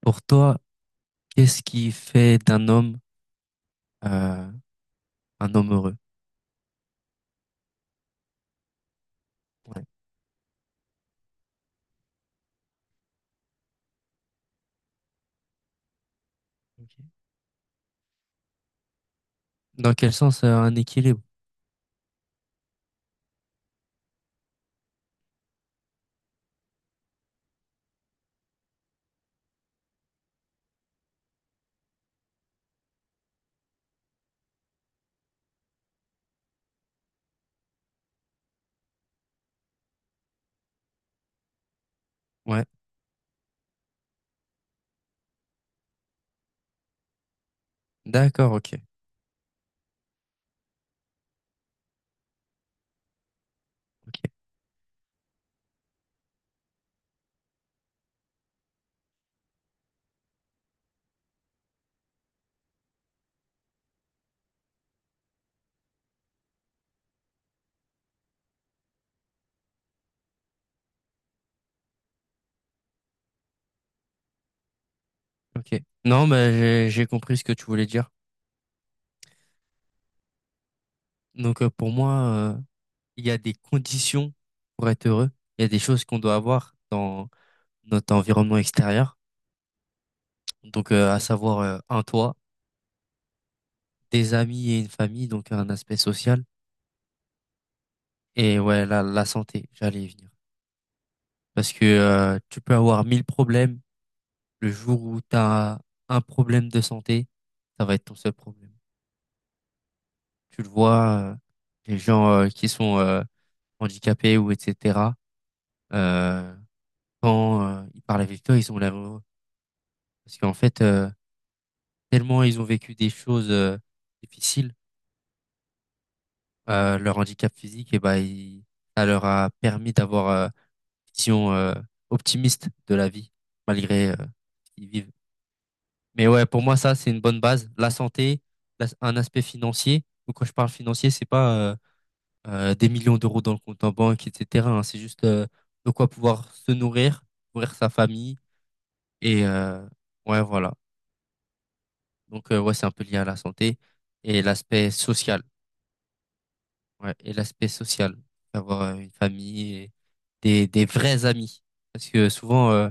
Pour toi, qu'est-ce qui fait d'un homme euh, un homme heureux? Ouais. Ok. Dans quel sens un équilibre? Ouais, d'accord, ok, ok, ok. Non, mais j'ai compris ce que tu voulais dire. Pour moi, euh, il y a des conditions pour être heureux. Il y a des choses qu'on doit avoir dans notre environnement extérieur. À savoir un toit, des amis et une famille, donc un aspect social. Et ouais, la santé, j'allais y venir. Parce que tu peux avoir mille problèmes. Le jour où tu as un problème de santé, ça va être ton seul problème. Tu le vois, les gens qui sont handicapés ou etc., euh, quand ils parlent avec toi, ils sont malheureux. Parce qu'en fait, tellement ils ont vécu des choses difficiles, leur handicap physique, et ben, ça leur a permis d'avoir une vision optimiste de la vie, malgré ce qu'ils vivent. Mais ouais, pour moi, ça, c'est une bonne base. La santé, un aspect financier. Donc, quand je parle financier, c'est pas des millions d'euros dans le compte en banque, etc., hein. C'est juste de quoi pouvoir se nourrir, nourrir sa famille. Et ouais, voilà. Donc, ouais, c'est un peu lié à la santé et l'aspect social. Ouais, et l'aspect social. Avoir une famille et des vrais amis. Parce que souvent,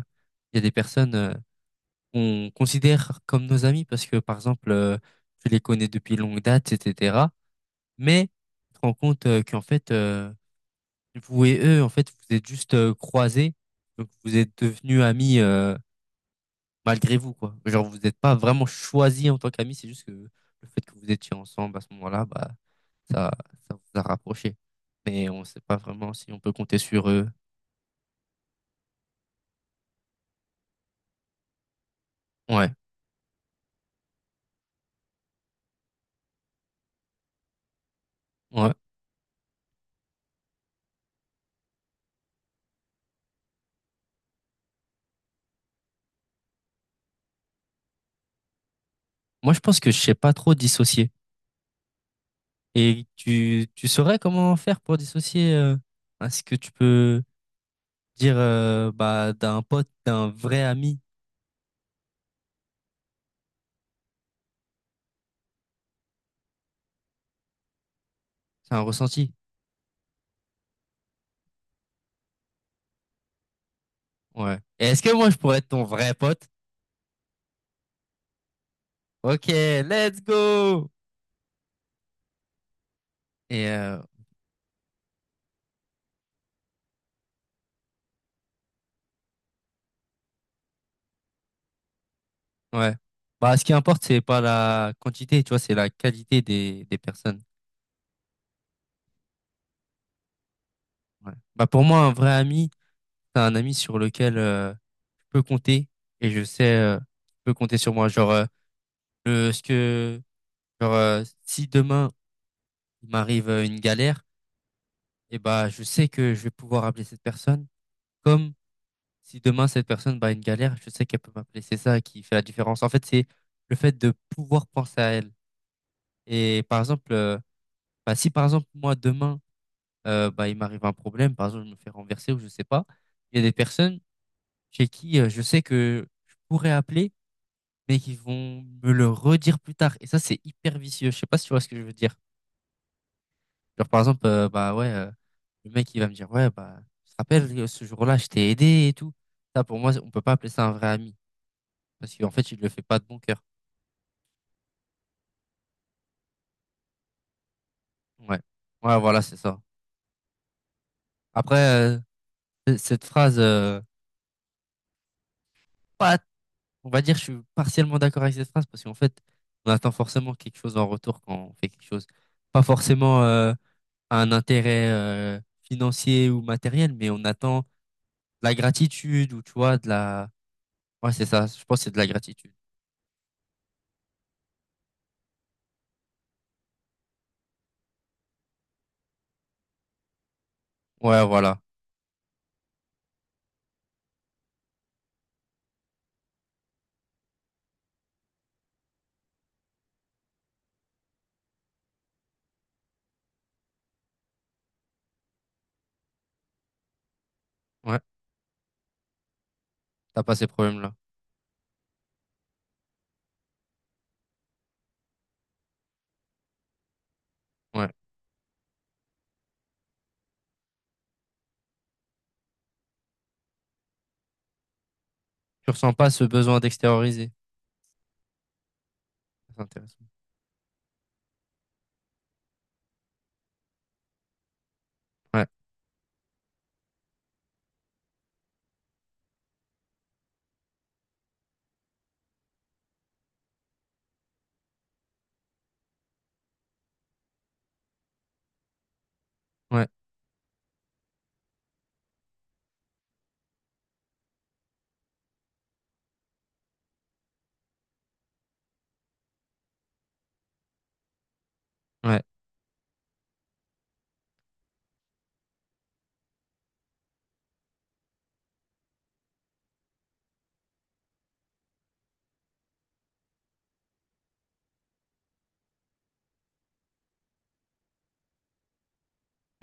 il y a des personnes, on considère comme nos amis parce que, par exemple, tu les connais depuis longue date, etc. Mais tu te rends compte qu'en fait, vous et eux, en fait, vous êtes juste croisés. Donc, vous êtes devenus amis malgré vous, quoi. Genre, vous n'êtes pas vraiment choisis en tant qu'amis. C'est juste que le fait que vous étiez ensemble à ce moment-là, bah, ça, ça vous a rapproché. Mais on ne sait pas vraiment si on peut compter sur eux. Ouais, ouais. Moi, je pense que je sais pas trop dissocier. Et tu saurais comment faire pour dissocier hein, ce que tu peux dire bah, d'un pote, d'un vrai ami? C'est un ressenti. Ouais. Et est-ce que moi je pourrais être ton vrai pote? Ok, let's go! Et ouais. Bah, ce qui importe, c'est pas la quantité, tu vois, c'est la qualité des personnes. Ouais. Bah, pour moi, un vrai ami, c'est un ami sur lequel je peux compter et je sais, je peux compter sur moi. Genre, le, ce que, genre, si demain il m'arrive une galère, et bah je sais que je vais pouvoir appeler cette personne comme si demain cette personne bah, a une galère, je sais qu'elle peut m'appeler. C'est ça qui fait la différence. En fait, c'est le fait de pouvoir penser à elle. Et par exemple, bah, si par exemple moi demain bah, il m'arrive un problème, par exemple je me fais renverser ou je sais pas, il y a des personnes chez qui je sais que je pourrais appeler mais qui vont me le redire plus tard. Et ça, c'est hyper vicieux. Je sais pas si tu vois ce que je veux dire. Genre, par exemple, bah ouais, le mec, il va me dire, ouais, bah, tu te rappelles, ce jour-là, je t'ai aidé et tout. Ça, pour moi, on peut pas appeler ça un vrai ami. Parce qu'en fait, il le fait pas de bon cœur. Ouais. Ouais, voilà, c'est ça. Après, cette phrase, pas, on va dire, je suis partiellement d'accord avec cette phrase parce qu'en fait, on attend forcément quelque chose en retour quand on fait quelque chose. Pas forcément, un intérêt, financier ou matériel, mais on attend de la gratitude ou, tu vois, ouais, c'est ça. Je pense que c'est de la gratitude. Ouais, voilà. Ouais, t'as pas ces problèmes-là. Ouais. Tu ressens pas ce besoin d'extérioriser. C'est intéressant. Ouais, ouais, ouais.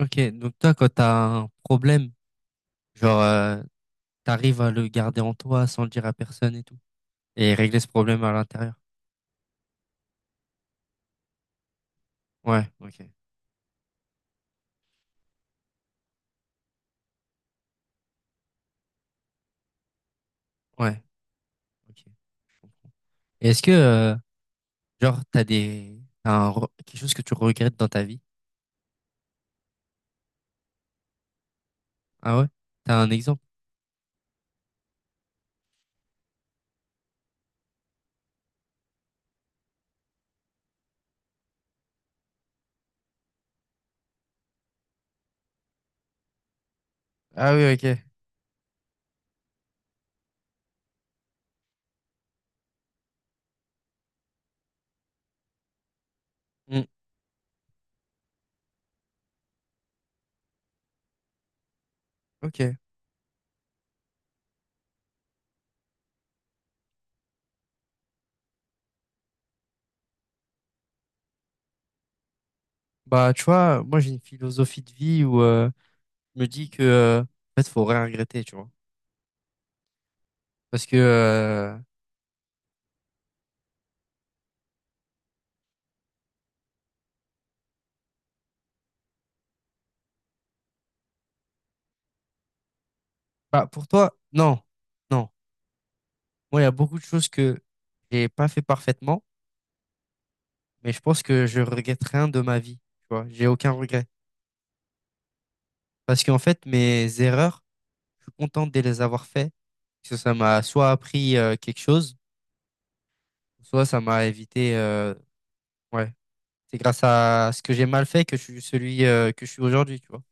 Ok, donc toi, quand t'as un problème, genre, t'arrives à le garder en toi sans le dire à personne et tout. Et régler ce problème à l'intérieur. Ouais, ok. Ouais, ok. Je comprends. Et est-ce que, genre, t'as des, t'as un re- quelque chose que tu regrettes dans ta vie? Ah ouais? T'as un exemple? Ah oui, ok. Hmm, ok. Bah, tu vois, moi, j'ai une philosophie de vie où, je me dis que, en fait, faut rien regretter, tu vois. Parce que, bah, pour toi, non, non. Moi, il y a beaucoup de choses que j'ai pas fait parfaitement, mais je pense que je regrette rien de ma vie. Tu vois, j'ai aucun regret. Parce qu'en fait, mes erreurs, je suis content de les avoir fait. Parce que ça m'a soit appris quelque chose, soit ça m'a évité. Ouais. C'est grâce à ce que j'ai mal fait que je suis celui que je suis aujourd'hui, tu vois.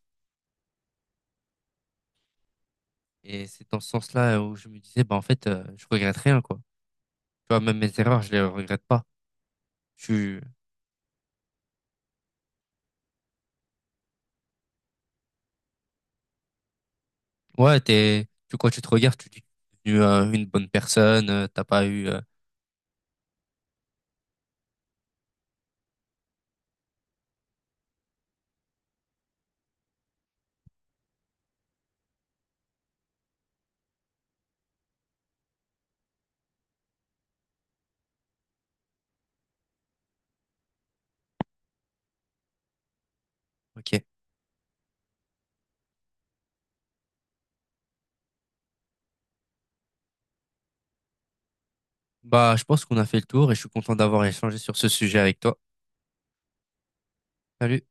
Et c'est dans ce sens-là où je me disais, bah, en fait, je regrette rien, quoi. Tu vois, même mes erreurs, je les regrette pas. Je suis Ouais, quand tu te regardes, tu dis que t'es devenu une bonne personne, t'as pas eu, ok. Bah, je pense qu'on a fait le tour et je suis content d'avoir échangé sur ce sujet avec toi. Salut.